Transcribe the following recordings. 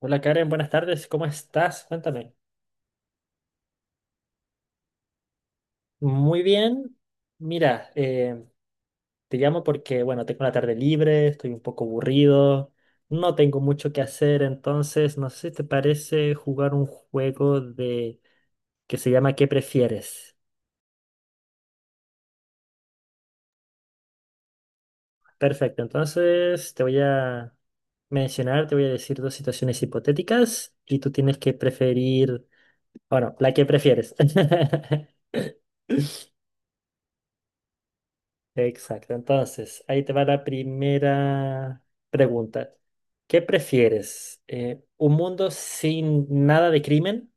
Hola Karen, buenas tardes, ¿cómo estás? Cuéntame. Muy bien, mira, te llamo porque, bueno, tengo la tarde libre, estoy un poco aburrido, no tengo mucho que hacer, entonces, no sé si te parece jugar un juego de que se llama ¿Qué prefieres? Perfecto, entonces te voy a mencionar, te voy a decir dos situaciones hipotéticas y tú tienes que preferir, bueno, la que prefieres. Exacto, entonces ahí te va la primera pregunta. ¿Qué prefieres? ¿Un mundo sin nada de crimen,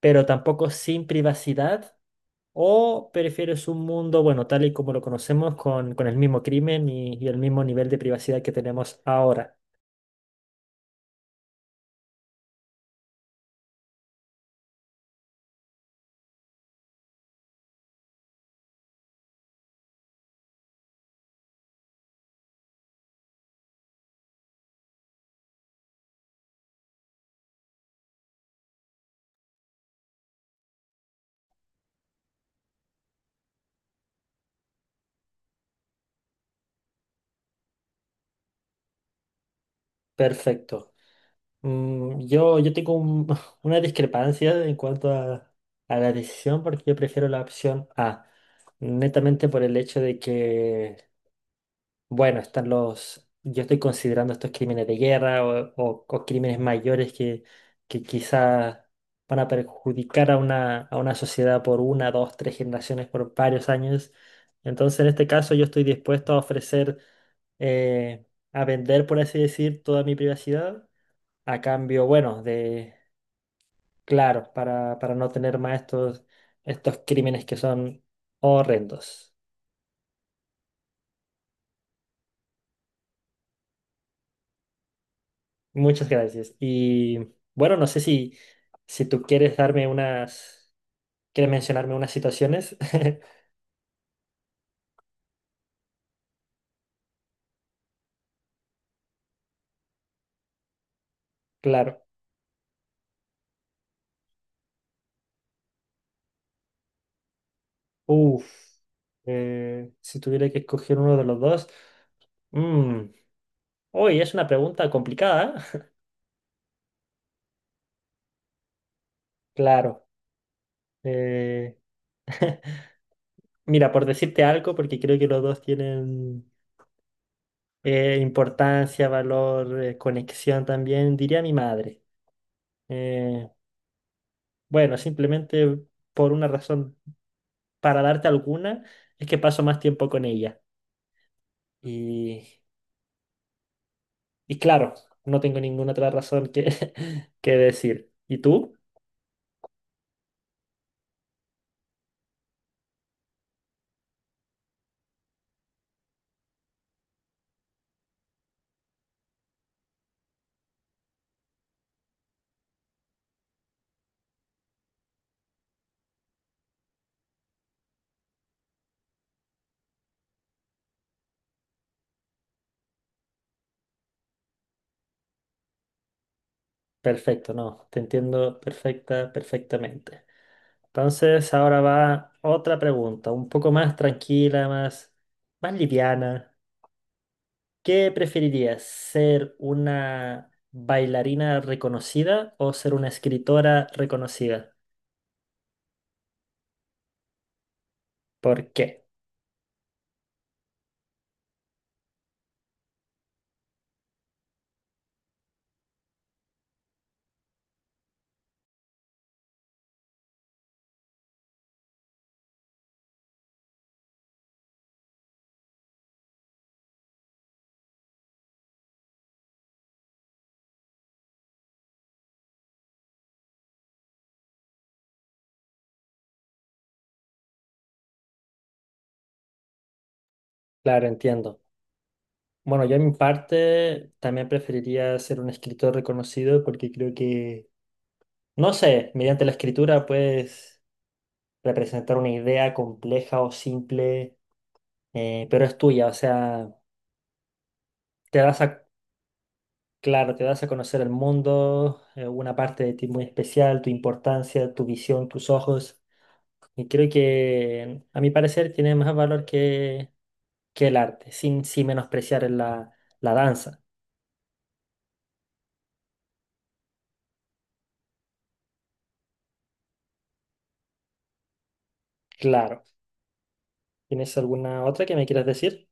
pero tampoco sin privacidad? ¿O prefieres un mundo, bueno, tal y como lo conocemos, con el mismo crimen y el mismo nivel de privacidad que tenemos ahora? Perfecto. Mm, yo tengo una discrepancia en cuanto a la decisión porque yo prefiero la opción A, netamente por el hecho de que... Bueno, están los, yo estoy considerando estos crímenes de guerra o crímenes mayores que quizás van a perjudicar a una sociedad por una, dos, tres generaciones, por varios años. Entonces, en este caso, yo estoy dispuesto a ofrecer, eh, a vender, por así decir, toda mi privacidad, a cambio, bueno, de, claro, para no tener más estos, estos crímenes que son horrendos. Muchas gracias. Y bueno, no sé si, si tú quieres darme unas, quieres mencionarme unas situaciones. Claro. Uf. Si tuviera que escoger uno de los dos. Mm, uy, es una pregunta complicada. ¿Eh? Claro. eh, mira, por decirte algo, porque creo que los dos tienen importancia, valor, conexión también, diría mi madre. Eh, bueno, simplemente por una razón para darte alguna, es que paso más tiempo con ella. Y, y claro, no tengo ninguna otra razón que, que decir. ¿Y tú? Perfecto, no, te entiendo perfecta, perfectamente. Entonces, ahora va otra pregunta, un poco más tranquila, más, más liviana. ¿Qué preferirías, ser una bailarina reconocida o ser una escritora reconocida? ¿Por qué? Claro, entiendo. Bueno, yo en mi parte también preferiría ser un escritor reconocido porque creo que, no sé, mediante la escritura puedes representar una idea compleja o simple, pero es tuya, o sea, te das a, claro, te das a conocer el mundo, una parte de ti muy especial, tu importancia, tu visión, tus ojos, y creo que, a mi parecer, tiene más valor que el arte, sin, sin menospreciar la, la danza. Claro. ¿Tienes alguna otra que me quieras decir?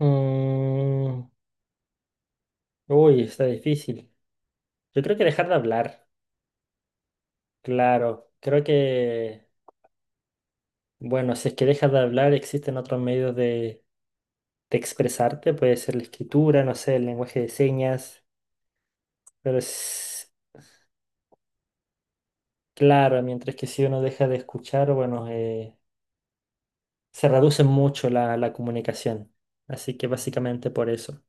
Mm, uy, está difícil. Yo creo que dejar de hablar, claro. Creo que, bueno, si es que dejas de hablar, existen otros medios de expresarte. Puede ser la escritura, no sé, el lenguaje de señas. Pero es claro, mientras que si uno deja de escuchar, bueno, se reduce mucho la, la comunicación. Así que básicamente por eso.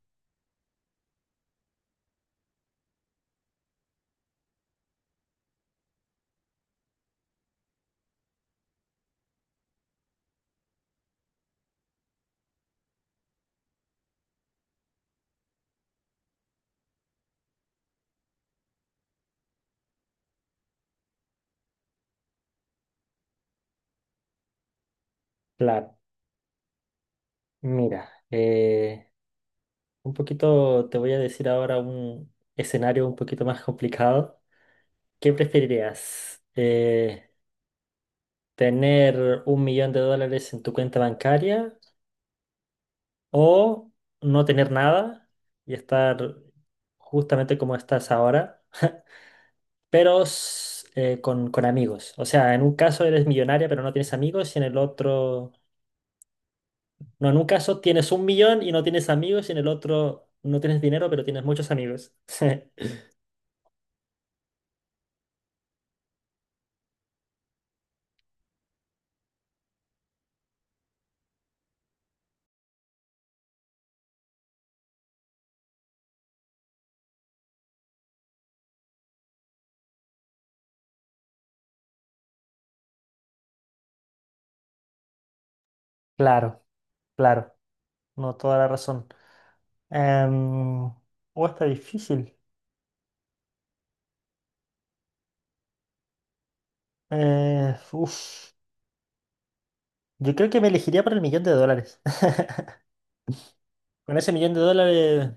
Claro. Mira, un poquito te voy a decir ahora un escenario un poquito más complicado. ¿Qué preferirías? ¿Tener un millón de dólares en tu cuenta bancaria o no tener nada y estar justamente como estás ahora, pero con amigos? O sea, en un caso eres millonaria pero no tienes amigos y en el otro... No, en un caso tienes un millón y no tienes amigos y en el otro no tienes dinero pero tienes muchos amigos. Claro, claro, no, toda la razón. Em, oh, está difícil. Uf. Yo creo que me elegiría por el millón de dólares. Con ese millón de dólares,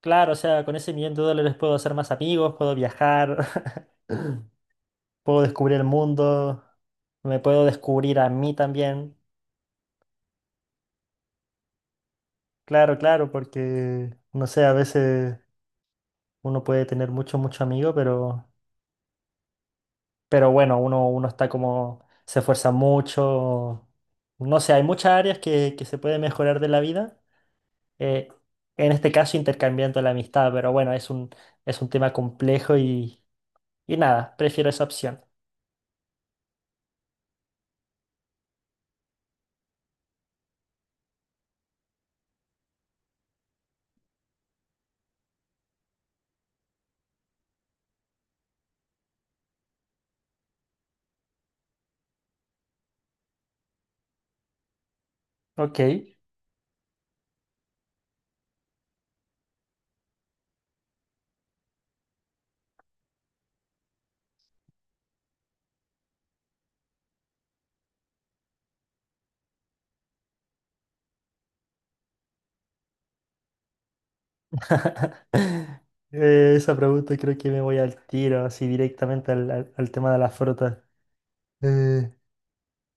claro, o sea, con ese millón de dólares puedo hacer más amigos, puedo viajar, puedo descubrir el mundo, me puedo descubrir a mí también. Claro, claro, porque, no sé, a veces uno puede tener mucho, mucho amigo, pero bueno, uno, uno está como, se esfuerza mucho. No sé, hay muchas áreas que se puede mejorar de la vida. eh, en este caso intercambiando la amistad, pero bueno, es un tema complejo y nada, prefiero esa opción. Ok. Esa pregunta creo que me voy al tiro, así directamente al, al tema de las frutas. Eh,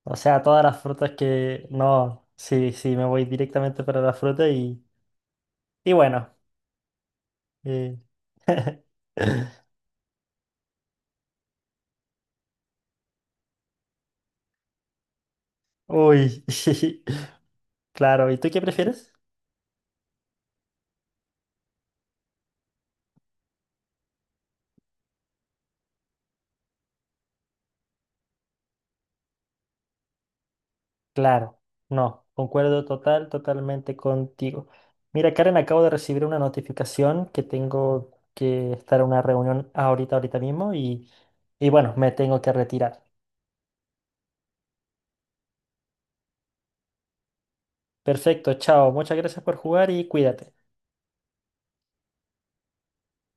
o sea, todas las frutas que... No, sí, sí, me voy directamente para la fruta y bueno. eh, Uy, claro, ¿y tú qué prefieres? Claro, no, concuerdo total, totalmente contigo. Mira, Karen, acabo de recibir una notificación que tengo que estar en una reunión ahorita, ahorita mismo y bueno, me tengo que retirar. Perfecto, chao, muchas gracias por jugar y cuídate.